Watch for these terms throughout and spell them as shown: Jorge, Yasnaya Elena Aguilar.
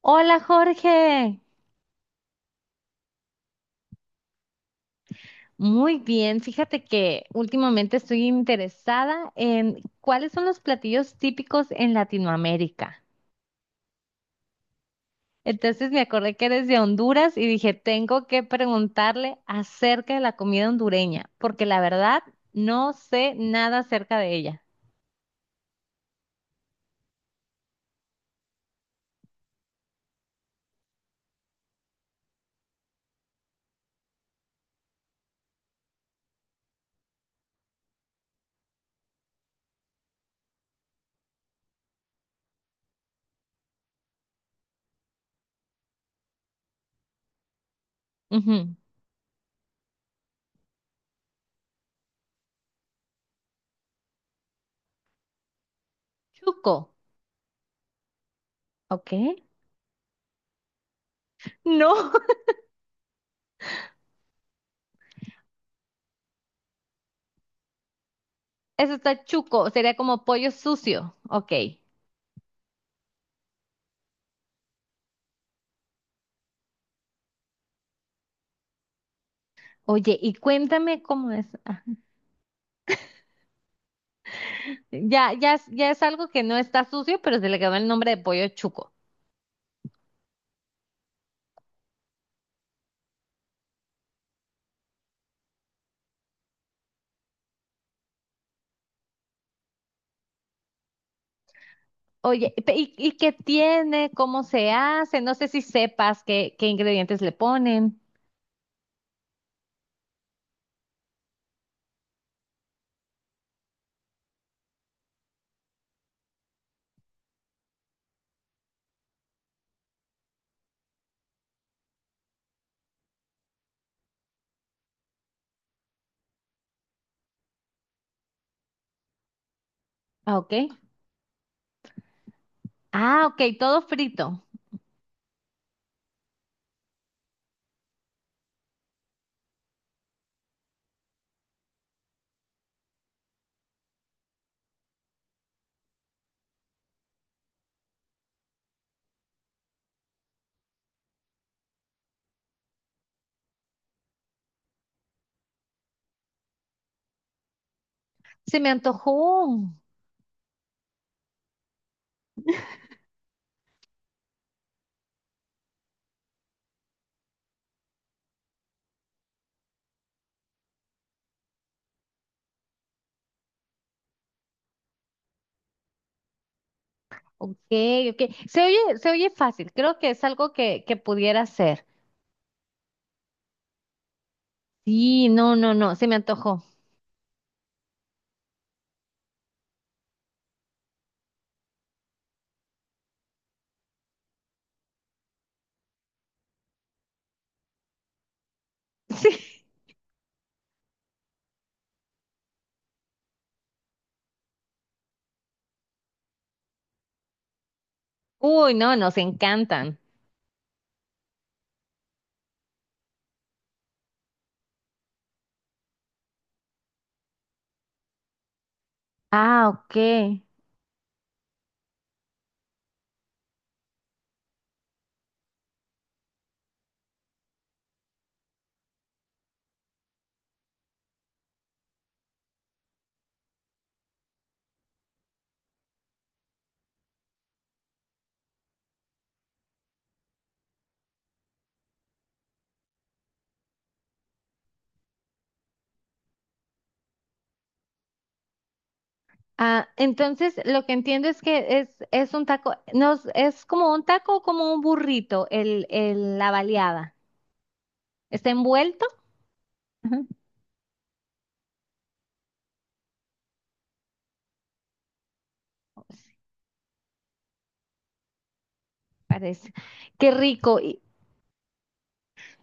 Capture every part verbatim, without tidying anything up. Hola Jorge, muy bien. Fíjate que últimamente estoy interesada en cuáles son los platillos típicos en Latinoamérica. Entonces me acordé que eres de Honduras y dije, tengo que preguntarle acerca de la comida hondureña, porque la verdad no sé nada acerca de ella. Ujú. Chuco, ¿ok? No, eso está chuco, sería como pollo sucio, ¿ok? Oye, y cuéntame cómo es. Ya, ya, es- ya es algo que no está sucio, pero se le quedó el nombre de pollo chuco. Oye, pe- ¿y, y qué tiene? ¿Cómo se hace? No sé si sepas qué, qué ingredientes le ponen. Ah, ok. Ah, ok, todo frito. Se me antojó. Ok, ok. Se oye, se oye fácil. Creo que es algo que, que pudiera hacer. Sí, no, no, no. Se me antojó. Sí. Uy, no, nos encantan. Ah, ok. Ah, entonces lo que entiendo es que es, es un taco, no, es como un taco o como un burrito, el, el- la baleada. ¿Está envuelto? Ujú. Sí, parece. Qué rico. Y,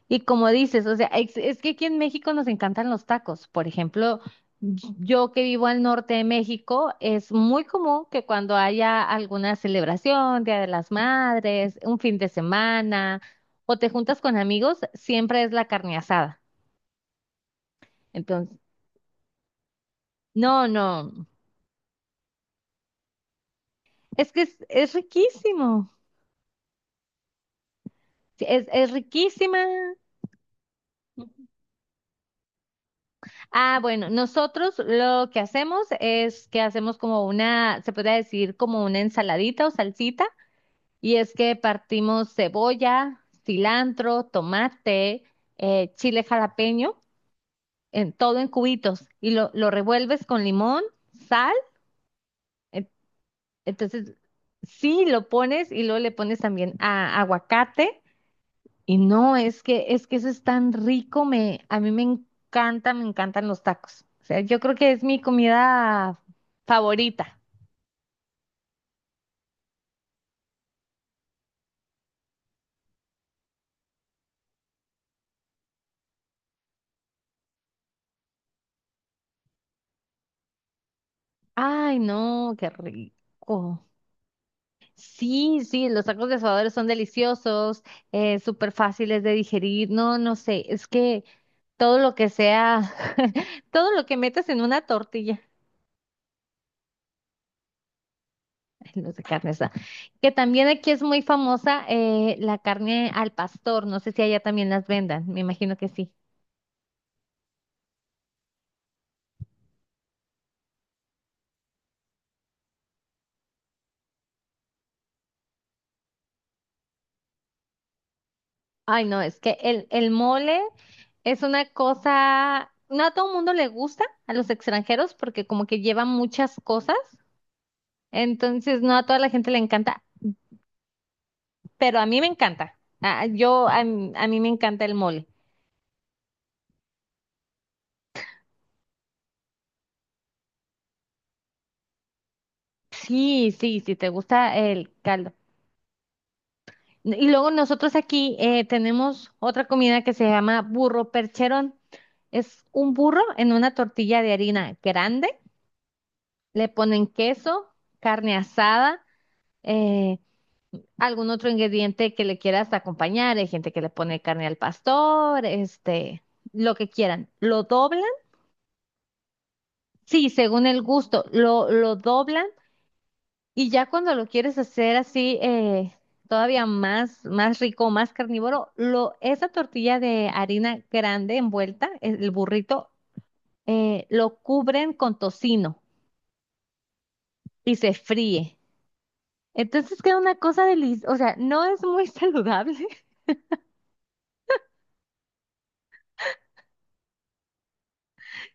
y como dices, o sea, es, es que aquí en México nos encantan los tacos. Por ejemplo, yo que vivo al norte de México, es muy común que cuando haya alguna celebración, Día de las Madres, un fin de semana, o te juntas con amigos, siempre es la carne asada. Entonces, no, no. Es que es, es riquísimo. Sí, Es, es riquísima. Ah, bueno, nosotros lo que hacemos es que hacemos como una, se podría decir como una ensaladita o salsita, y es que partimos cebolla, cilantro, tomate, eh, chile jalapeño, en todo en cubitos, y lo, lo revuelves con limón, sal, en- entonces sí lo pones y luego le pones también a- aguacate. Y no, es que es que eso es tan rico, me a mí me encanta, me encantan los tacos. O sea, yo creo que es mi comida favorita. Ay, no, qué rico. Sí, sí, los tacos de suadero son deliciosos, eh, súper fáciles de digerir. No, no sé, es que todo lo que sea, todo lo que metas en una tortilla, no sé, carne esa, que también aquí es muy famosa, eh, la carne al pastor. No sé si allá también las vendan, me imagino que sí. Ay, no, es que el, el mole es una cosa, no a todo el mundo le gusta, a los extranjeros, porque como que lleva muchas cosas, entonces no a toda la gente le encanta, pero a mí me encanta. Ah, yo, a, mí a mí me encanta el mole. Sí, sí, sí, te gusta el caldo. Y luego nosotros aquí eh, tenemos otra comida que se llama burro percherón. Es un burro en una tortilla de harina grande, le ponen queso, carne asada, eh, algún otro ingrediente que le quieras acompañar. Hay gente que le pone carne al pastor, este, lo que quieran. Lo doblan, sí, según el gusto, lo, lo doblan y ya cuando lo quieres hacer así, eh, todavía más, más rico, más carnívoro, lo, esa tortilla de harina grande envuelta, el burrito, eh, lo cubren con tocino y se fríe. Entonces queda una cosa deliciosa, o sea, no es muy saludable.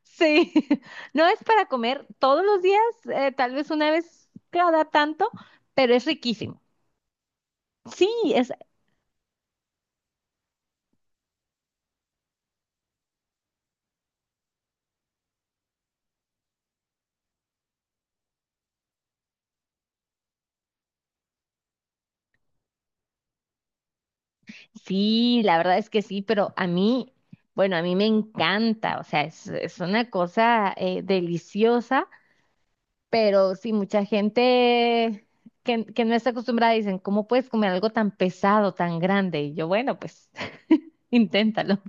Sí, no es para comer todos los días, eh, tal vez una vez cada tanto, pero es riquísimo. Sí, es, sí, la verdad es que sí, pero a mí, bueno, a mí me encanta, o sea, es, es una cosa eh, deliciosa, pero sí, mucha gente que, que no está acostumbrada dicen, ¿cómo puedes comer algo tan pesado, tan grande? Y yo, bueno, pues inténtalo.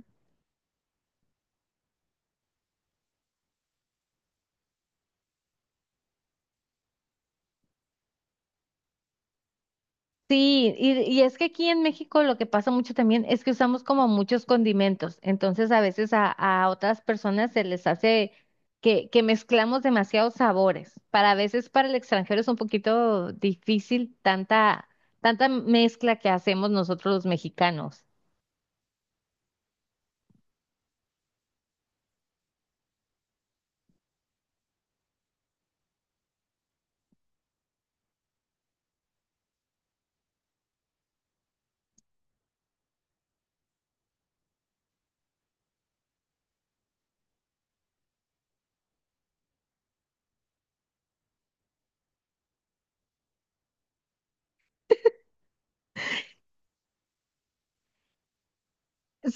Sí, y, y es que aquí en México lo que pasa mucho también es que usamos como muchos condimentos, entonces a veces a, a otras personas se les hace que, que mezclamos demasiados sabores. Para A veces para el extranjero es un poquito difícil tanta, tanta mezcla que hacemos nosotros los mexicanos.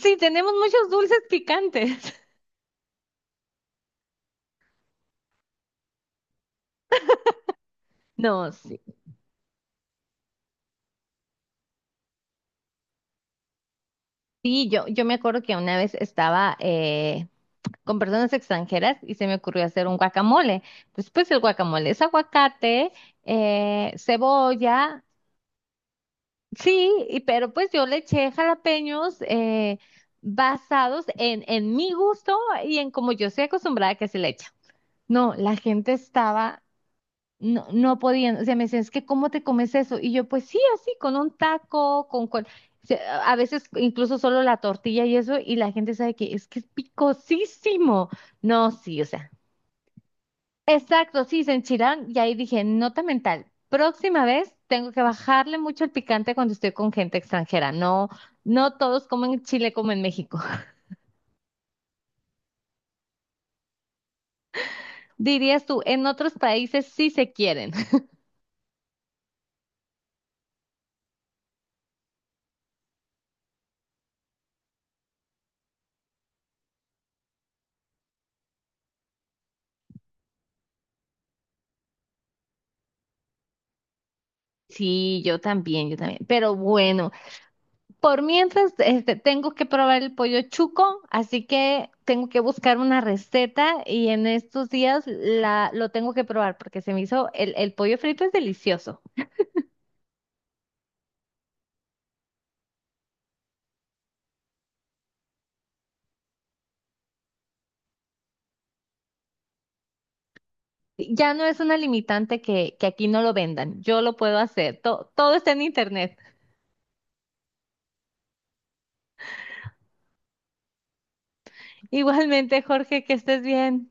Sí, tenemos muchos dulces picantes. No, sí, sí, yo, yo me acuerdo que una vez estaba eh, con personas extranjeras y se me ocurrió hacer un guacamole. Después el guacamole es aguacate, eh, cebolla, sí, y- pero pues yo le eché jalapeños, eh, basados en, en mi gusto y en como yo estoy acostumbrada que se le echa. No, la gente estaba, no, no podían, o sea, me decían, es que ¿cómo te comes eso? Y yo, pues sí, así, con un taco, con... cual- se- a veces incluso solo la tortilla y eso, y la gente sabe que es que es picosísimo. No, sí, o sea. Exacto, sí, se enchilaron y ahí dije, nota mental, próxima vez tengo que bajarle mucho el picante cuando estoy con gente extranjera. No, no todos comen chile como en México. Dirías tú, en otros países sí se quieren. Sí, yo también, yo también. Pero bueno, por mientras, este, tengo que probar el pollo chuco, así que tengo que buscar una receta y en estos días la, lo tengo que probar porque se me hizo, el, el pollo frito es delicioso. Ya no es una limitante que, que aquí no lo vendan. Yo lo puedo hacer. To- todo está en internet. Igualmente, Jorge, que estés bien.